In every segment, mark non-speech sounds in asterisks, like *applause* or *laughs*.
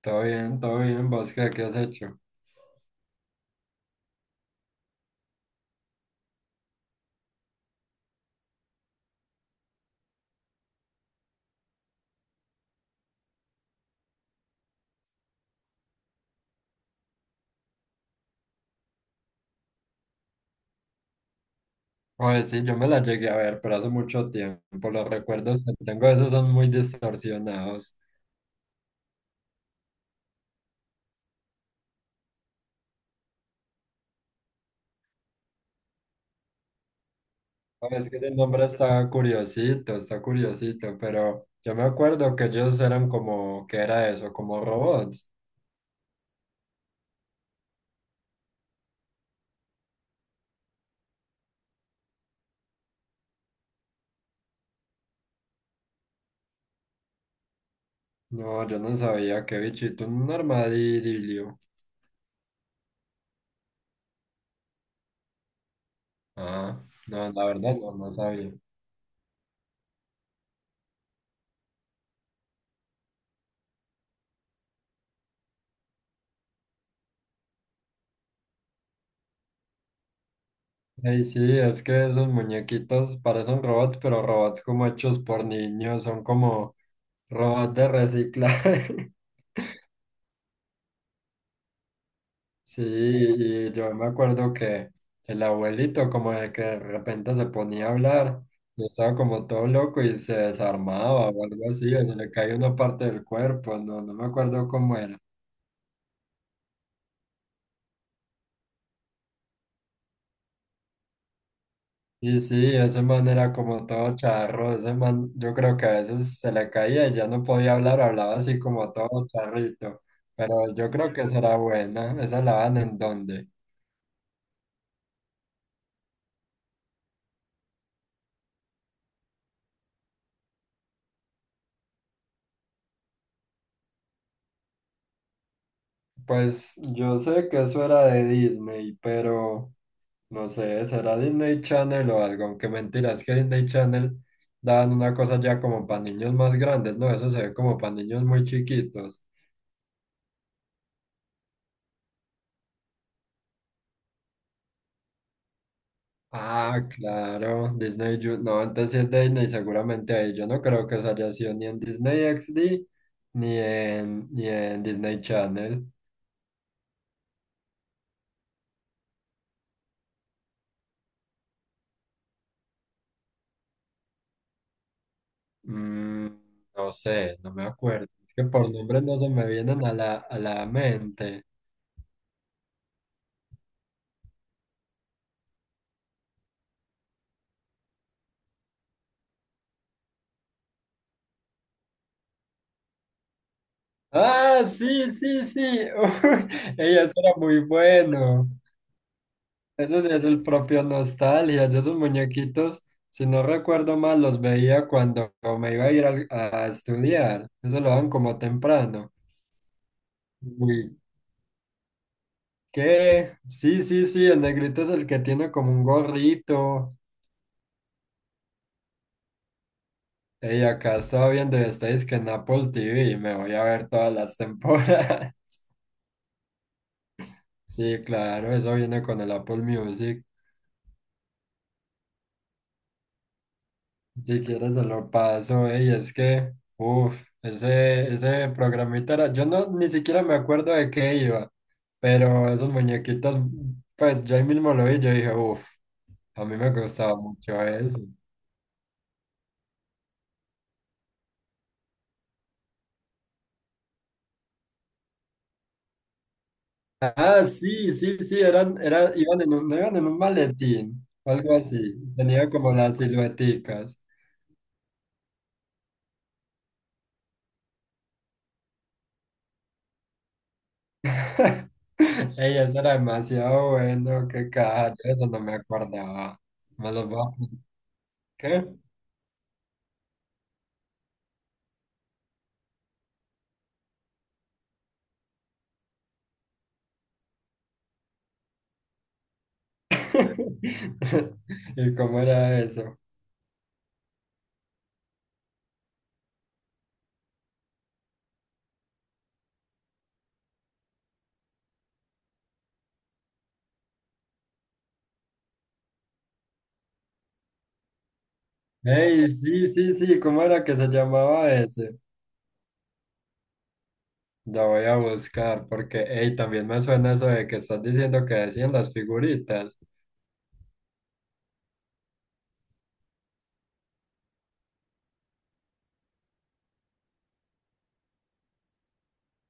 Todo bien, ¿vos qué, has hecho? Oye, sí, yo me la llegué a ver, pero hace mucho tiempo. Los recuerdos que tengo de esos son muy distorsionados. Oye, es que ese nombre está curiosito, pero yo me acuerdo que ellos eran como, ¿qué era eso? Como robots. No, yo no sabía qué bichito, un armadillo. Ah, no, la verdad no, no sabía. Ey, sí, es que esos muñequitos parecen robots, pero robots como hechos por niños, son como robots de reciclaje. *laughs* Sí, y yo me acuerdo que el abuelito como de que de repente se ponía a hablar y estaba como todo loco y se desarmaba o algo así, o se le caía una parte del cuerpo, no, no me acuerdo cómo era. Y sí, ese man era como todo charro, ese man yo creo que a veces se le caía y ya no podía hablar, hablaba así como todo charrito, pero yo creo que será buena, esa la dan en donde. Pues yo sé que eso era de Disney, pero... No sé, será Disney Channel o algo, aunque mentira, es que Disney Channel dan una cosa ya como para niños más grandes, ¿no? Eso se ve como para niños muy chiquitos. Ah, claro, Disney, Ju- no, entonces sí es de Disney, seguramente ahí. Yo no creo que eso haya sido ni en Disney XD ni en Disney Channel. Mm, no sé, no me acuerdo. Es que por nombres no se me vienen a la mente. Ah, sí, sí, sí. *laughs* Uy, ey, eso era muy bueno. Ese sí es el propio Nostalgia. Yo esos muñequitos, si no recuerdo mal, los veía cuando me iba a ir al- estudiar. Eso lo dan como temprano. Uy, ¿qué? Sí, sí, sí, el negrito es el que tiene como un gorrito. Y acá estaba viendo, estáis que en Apple TV, me voy a ver todas las temporadas. *laughs* Sí, claro, eso viene con el Apple Music. Si quieres se lo paso, ey, es que, ese programita era, yo no ni siquiera me acuerdo de qué iba, pero esos muñequitos, pues yo ahí mismo lo vi, yo dije, a mí me gustaba mucho eso. Ah, sí, sí, sí, eran, era, iban en un, no iban en un maletín, o algo así, tenía como las silueticas. *laughs* Ey, eso era demasiado bueno, qué caja, yo de eso no me acordaba. Me los voy a... ¿Qué? *laughs* ¿Y cómo era eso? Ey, sí, sí, sí, ¿cómo era que se llamaba ese? Lo voy a buscar porque, ey, también me suena eso de que estás diciendo que decían las figuritas.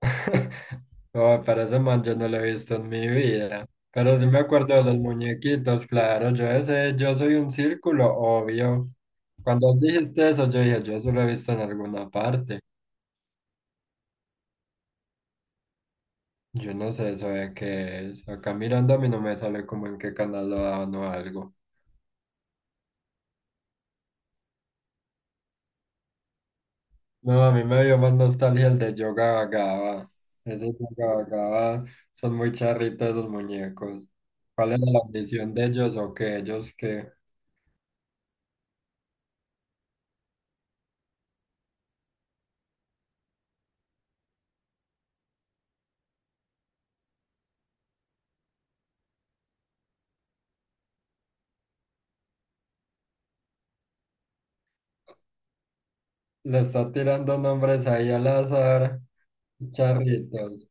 *laughs* Oh, pero ese man yo no lo he visto en mi vida. Pero sí me acuerdo de los muñequitos, claro, yo ese, yo soy un círculo, obvio. Cuando dijiste eso, yo dije, yo eso lo he visto en alguna parte. Yo no sé eso de qué es. Acá mirando a mí no me sale como en qué canal lo daban o algo. No, a mí me dio más nostalgia el de Yoga Vagaba. Ese Yoga Vagaba son muy charritos esos muñecos. ¿Cuál es la ambición de ellos o qué ellos que le está tirando nombres ahí al azar? Charritos.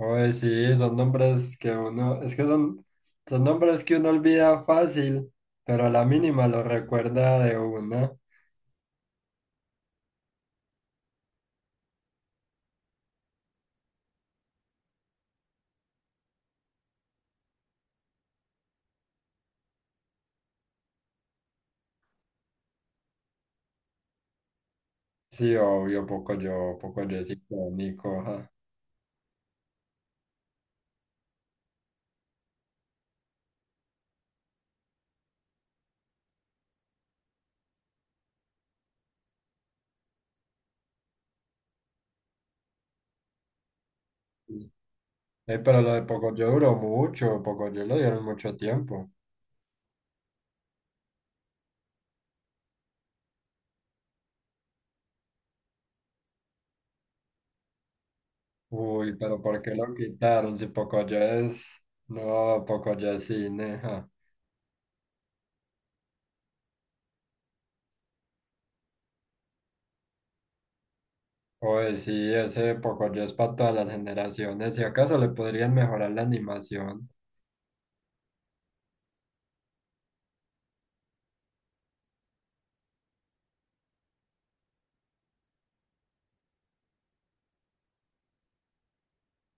Oye, sí, son nombres que uno, es que son, son nombres que uno olvida fácil, pero a la mínima lo recuerda de una. Sí, obvio, Pocoyo, Pocoyo es icónico, ajá. Sí. Pero lo de Pocoyo duró mucho, Pocoyo lo dieron mucho tiempo. Uy, pero ¿por qué lo quitaron? Si Pocoyo es... No, Pocoyo es cine, ajá. Oye, sí, ese Pocoyo es para todas las generaciones. Si acaso le podrían mejorar la animación.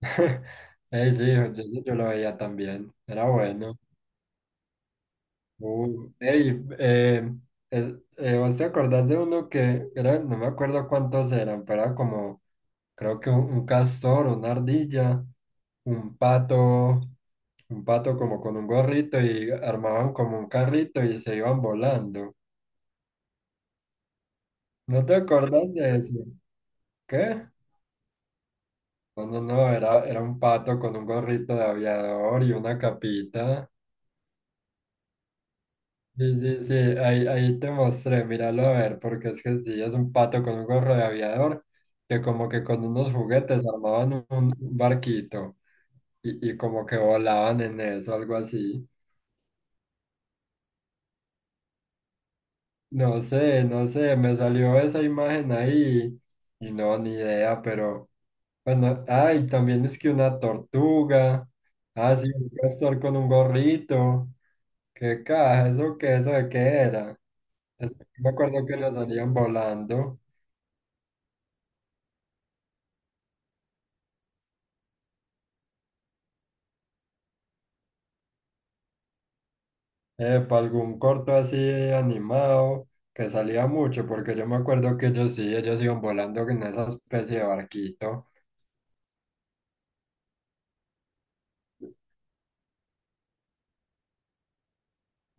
*laughs* Ey, sí, yo, sí, yo lo veía también. Era bueno. Ey, ¿vos te acordás de uno que era, no me acuerdo cuántos eran, pero era como creo que un castor, una ardilla, un pato, un pato como con un gorrito y armaban como un carrito y se iban volando. ¿No te acordás de eso? ¿Qué? No, no, no, era un pato con un gorrito de aviador y una capita. Sí, sí, sí, ahí, ahí te mostré, míralo a ver, porque es que sí, es un pato con un gorro de aviador que como que con unos juguetes armaban un barquito y como que volaban en eso, algo así. No sé, no sé, me salió esa imagen ahí y no, ni idea, pero bueno, ay, también es que una tortuga, ah, sí, un castor con un gorrito, qué caja, eso qué, eso de qué era, eso, me acuerdo que nos salían volando, para algún corto así animado, que salía mucho, porque yo me acuerdo que ellos sí, ellos iban volando en esa especie de barquito,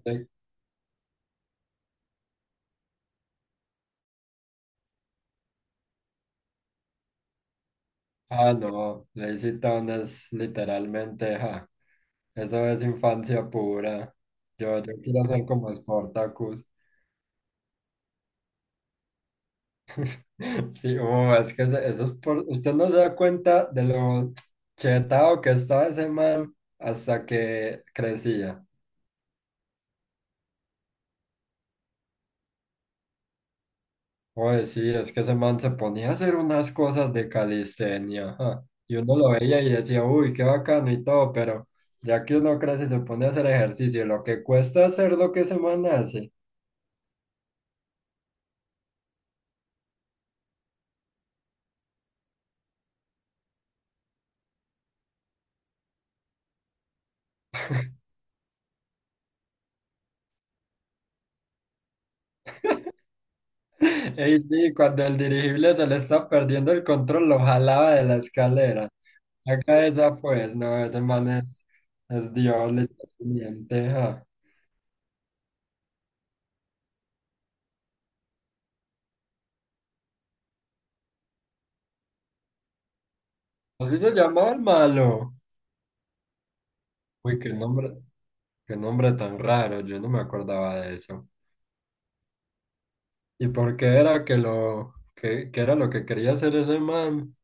sí. Ah, no, le hiciste unas literalmente, ja. Eso es infancia pura. Yo quiero ser como Spartacus. *laughs* Sí, es que ese- eso es por... Usted no se da cuenta de lo chetado que estaba ese man hasta que crecía. Oye, sí, es que ese man se ponía a hacer unas cosas de calistenia. Ajá. Y uno lo veía y decía, uy, qué bacano y todo, pero ya que uno crece y se pone a hacer ejercicio, lo que cuesta hacer lo que ese man hace. Ey, sí, cuando el dirigible se le está perdiendo el control, lo jalaba de la escalera. Acá esa pues, no, ese man es Dios, literalmente. Ja. Así se llamaba el malo. Uy, qué nombre tan raro, yo no me acordaba de eso. ¿Y por qué era que lo, que era lo que quería hacer ese man?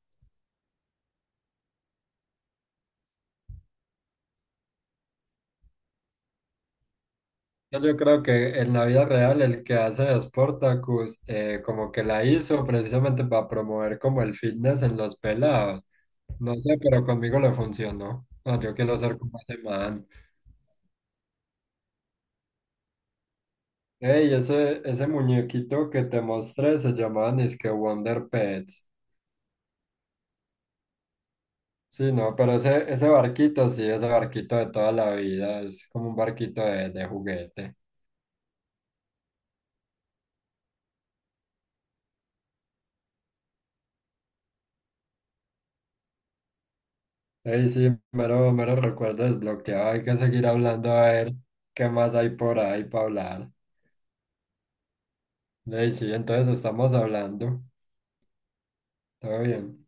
Yo creo que en la vida real el que hace de Sportacus como que la hizo precisamente para promover como el fitness en los pelados. No sé, pero conmigo le funcionó. Ah, yo quiero ser como ese man. Ey, ese muñequito que te mostré se llamaba que Wonder Pets. Sí, no, pero ese barquito, sí, ese barquito de toda la vida, es como un barquito de juguete. Ey, sí, mero, mero recuerdo desbloqueado, hay que seguir hablando a ver qué más hay por ahí para hablar. Ey, sí, entonces estamos hablando. Todo bien.